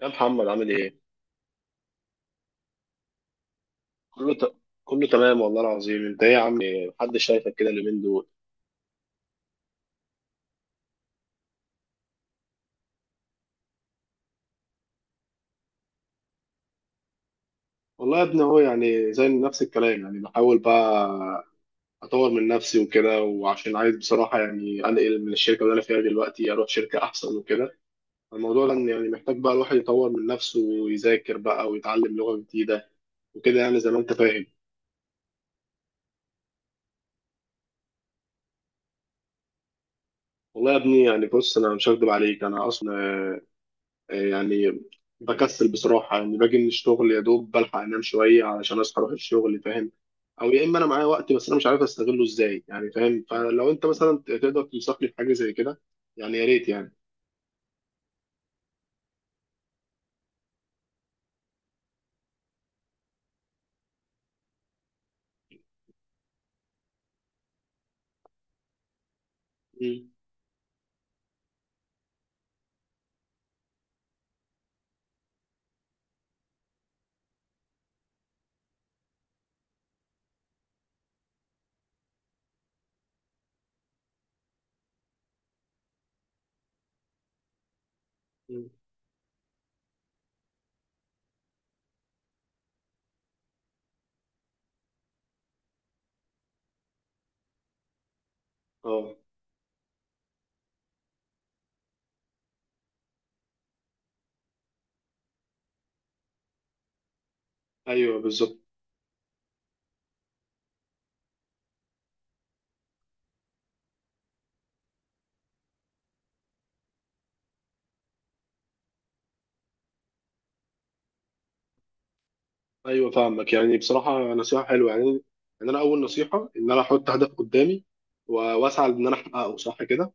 يا محمد عامل ايه؟ كله ت... كله تمام والله العظيم، انت ايه يا عم؟ محدش شايفك كده اليومين دول. والله يا ابني هو يعني زي نفس الكلام، يعني بحاول بقى اطور من نفسي وكده، وعشان عايز بصراحه يعني انقل من الشركه اللي انا فيها دلوقتي اروح شركه احسن وكده. الموضوع ده إن يعني محتاج بقى الواحد يطور من نفسه ويذاكر بقى ويتعلم لغه جديده وكده، يعني زي ما انت فاهم. والله يا ابني يعني بص، انا مش هكدب عليك، انا اصلا يعني بكسل بصراحة، يعني باجي من الشغل يا دوب بلحق أنام شوية علشان أصحى أروح الشغل فاهم. أو يا إما أنا معايا وقت بس أنا مش عارف أستغله إزاي يعني فاهم، فلو أنت مثلا تقدر تنصحني في حاجة زي كده يعني يا ريت يعني. مم. مم. أه. أيوه بالظبط. أيوه فاهمك، يعني بصراحة نصيحة حلوة، يعني إن أنا أول نصيحة إن أنا أحط هدف قدامي وأسعى إن أنا أحققه، صح كده.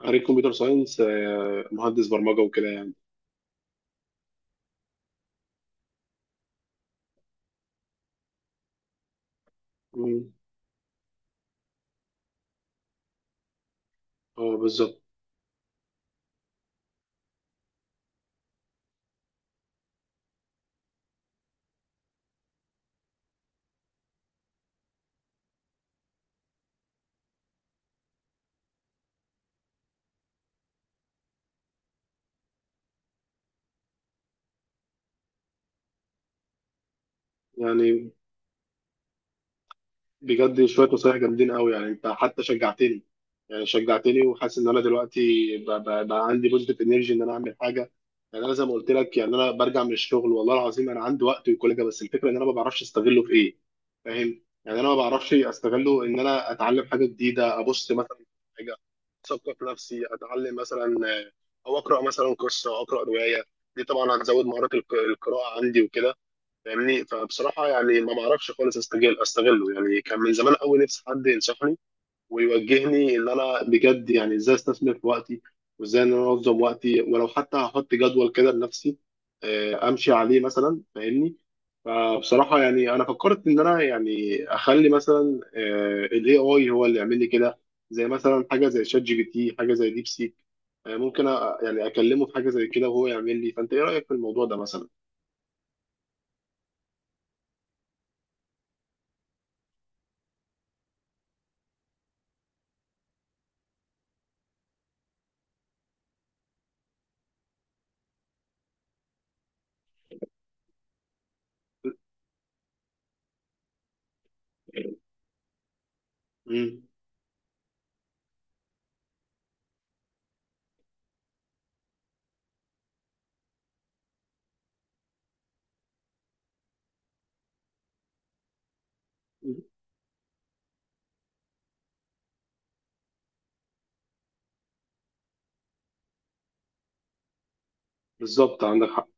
خريج كمبيوتر ساينس، مهندس برمجة وكده يعني. مم. أه بالظبط. يعني بجد شوية نصايح جامدين قوي، يعني انت حتى شجعتني يعني شجعتني، وحاسس ان انا دلوقتي بقى عندي بوزيتيف انرجي ان انا اعمل حاجة. يعني انا زي ما قلت لك، يعني انا برجع من الشغل والله العظيم انا عندي وقت وكل حاجة، بس الفكرة ان انا ما بعرفش استغله في ايه فاهم، يعني انا ما بعرفش استغله ان انا اتعلم حاجة جديدة، ابص مثلا في حاجة اثقف نفسي اتعلم مثلا، آه، او اقرا مثلا قصة او اقرا رواية. دي طبعا هتزود مهارات القراءة عندي وكده فاهمني. فبصراحه يعني ما بعرفش خالص استغله، يعني كان من زمان قوي نفسي حد ينصحني ويوجهني ان انا بجد يعني ازاي استثمر في وقتي، وازاي ان انا انظم وقتي، ولو حتى هحط جدول كده لنفسي امشي عليه مثلا فاهمني. فبصراحه يعني انا فكرت ان انا يعني اخلي مثلا الاي اي هو اللي يعمل لي كده، زي مثلا حاجه زي شات جي بي تي، حاجه زي ديب سيك، ممكن يعني اكلمه في حاجه زي كده وهو يعمل لي. فانت ايه رايك في الموضوع ده مثلا؟ مم. بالظبط عندك حق.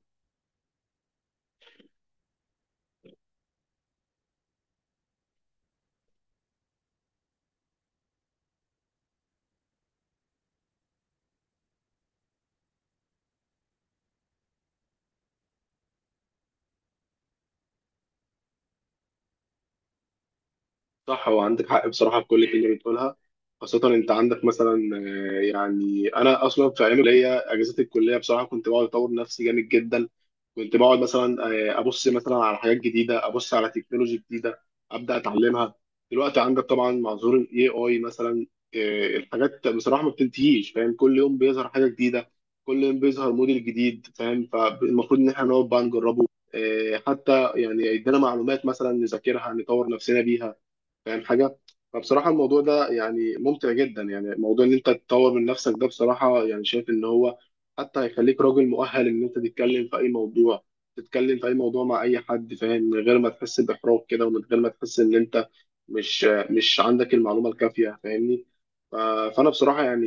صح، هو عندك حق بصراحة في كل كلمة بتقولها، خاصة أنت عندك مثلا، يعني أنا أصلا في أيام الكلية أجازات الكلية بصراحة كنت بقعد أطور نفسي جامد جدا، كنت بقعد مثلا، أبص مثلا على حاجات جديدة، أبص على تكنولوجي جديدة أبدأ أتعلمها. دلوقتي عندك طبعا مع ظهور ال AI مثلا، الحاجات بصراحة ما بتنتهيش فاهم، كل يوم بيظهر حاجة جديدة، كل يوم بيظهر موديل جديد فاهم، فالمفروض إن إحنا نقعد بقى نجربه، حتى يعني يدينا معلومات مثلا نذاكرها نطور نفسنا بيها فاهم حاجه. فبصراحه الموضوع ده يعني ممتع جدا، يعني موضوع ان انت تطور من نفسك ده بصراحه يعني شايف ان هو حتى هيخليك راجل مؤهل ان انت تتكلم في اي موضوع، تتكلم في اي موضوع مع اي حد فاهم، من غير ما تحس باحراج كده، ومن غير ما تحس ان انت مش مش عندك المعلومه الكافيه فاهمني. ف- فانا بصراحه يعني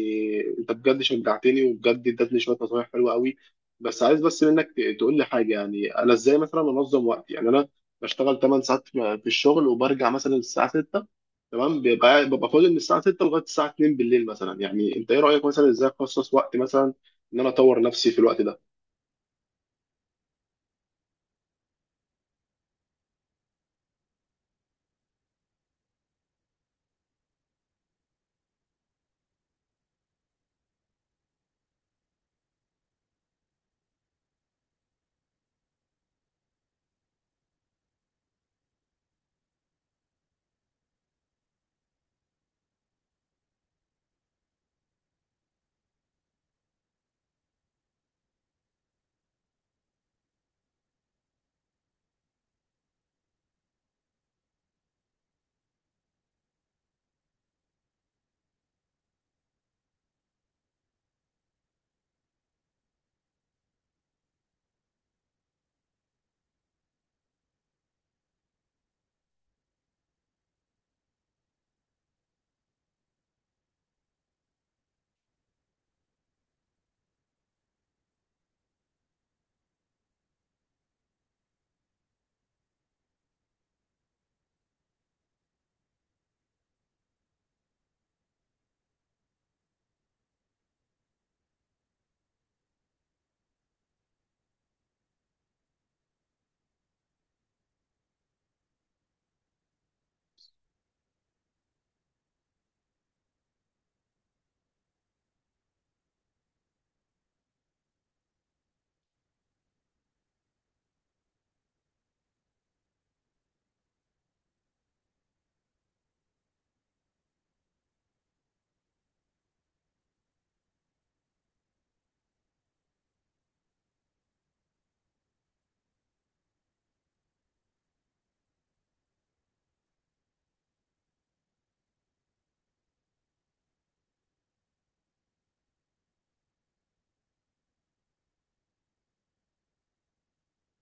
انت بجد شجعتني، وبجد ادتني شويه نصايح حلوه قوي. بس عايز بس منك تقول لي حاجه، يعني انا ازاي مثلا انظم وقتي؟ يعني انا بشتغل 8 ساعات في الشغل وبرجع مثلا الساعة 6 تمام، ببقى فاضي من الساعة 6 لغاية الساعة 2 بالليل مثلا، يعني انت ايه رأيك مثلا ازاي اخصص وقت مثلا ان انا اطور نفسي في الوقت ده؟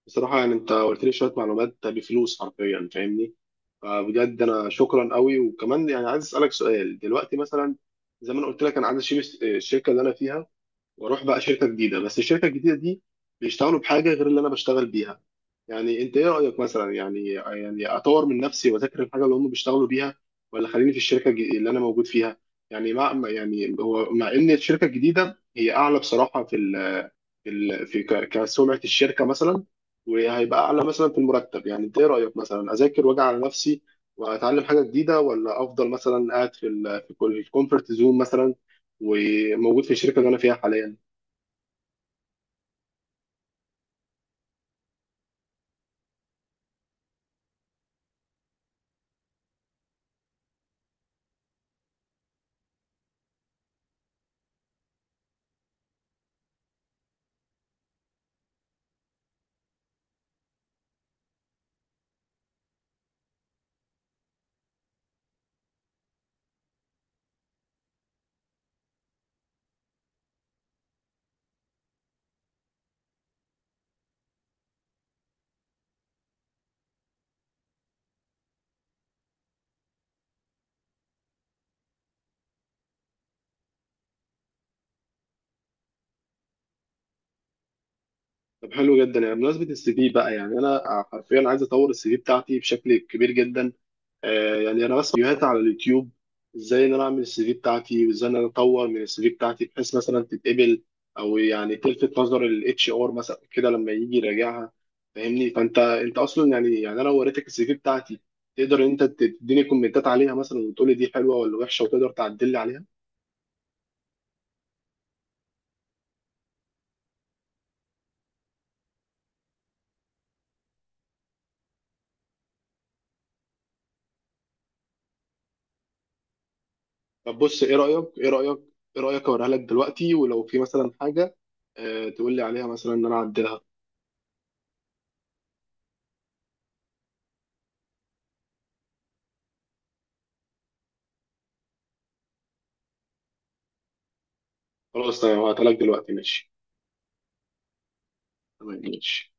بصراحة يعني انت قلت لي شوية معلومات بفلوس حرفيا فاهمني، فبجد انا شكرا قوي. وكمان يعني عايز اسألك سؤال دلوقتي مثلا، زي ما انا قلت لك انا عايز اشيل الشركة اللي انا فيها واروح بقى شركه جديده، بس الشركه الجديده دي بيشتغلوا بحاجه غير اللي انا بشتغل بيها. يعني انت ايه رايك مثلا، يعني اطور من نفسي واذاكر الحاجه اللي هم بيشتغلوا بيها، ولا خليني في الشركه اللي انا موجود فيها؟ يعني مع يعني هو مع ان الشركه الجديده هي اعلى بصراحه في كسمعه الشركه مثلا، وهيبقى اعلى مثلا في المرتب، يعني انت ايه رايك مثلا اذاكر واجي على نفسي واتعلم حاجه جديده، ولا افضل مثلا قاعد في الكومفورت زون مثلا وموجود في الشركه اللي انا فيها حاليا؟ طب حلو جدا. يعني بمناسبة السي في بقى، يعني أنا حرفيا عايز أطور السي في بتاعتي بشكل كبير جدا. يعني أنا بس فيديوهات على اليوتيوب إزاي إن أنا أعمل السي في بتاعتي، وإزاي إن أنا أطور من السي في بتاعتي بحيث مثلا تتقبل أو يعني تلفت نظر الاتش ار مثلا كده لما يجي يراجعها فاهمني. فأنت أنت أصلا يعني أنا لو وريتك السي في بتاعتي تقدر إن أنت تديني كومنتات عليها مثلا، وتقولي دي حلوة ولا وحشة، وتقدر تعدل لي عليها. طب بص، ايه رأيك اوريها لك دلوقتي ولو في مثلا حاجة تقول لي عليها مثلا ان انا اعدلها؟ خلاص تمام، هبعتها لك دلوقتي ماشي. تمام ماشي.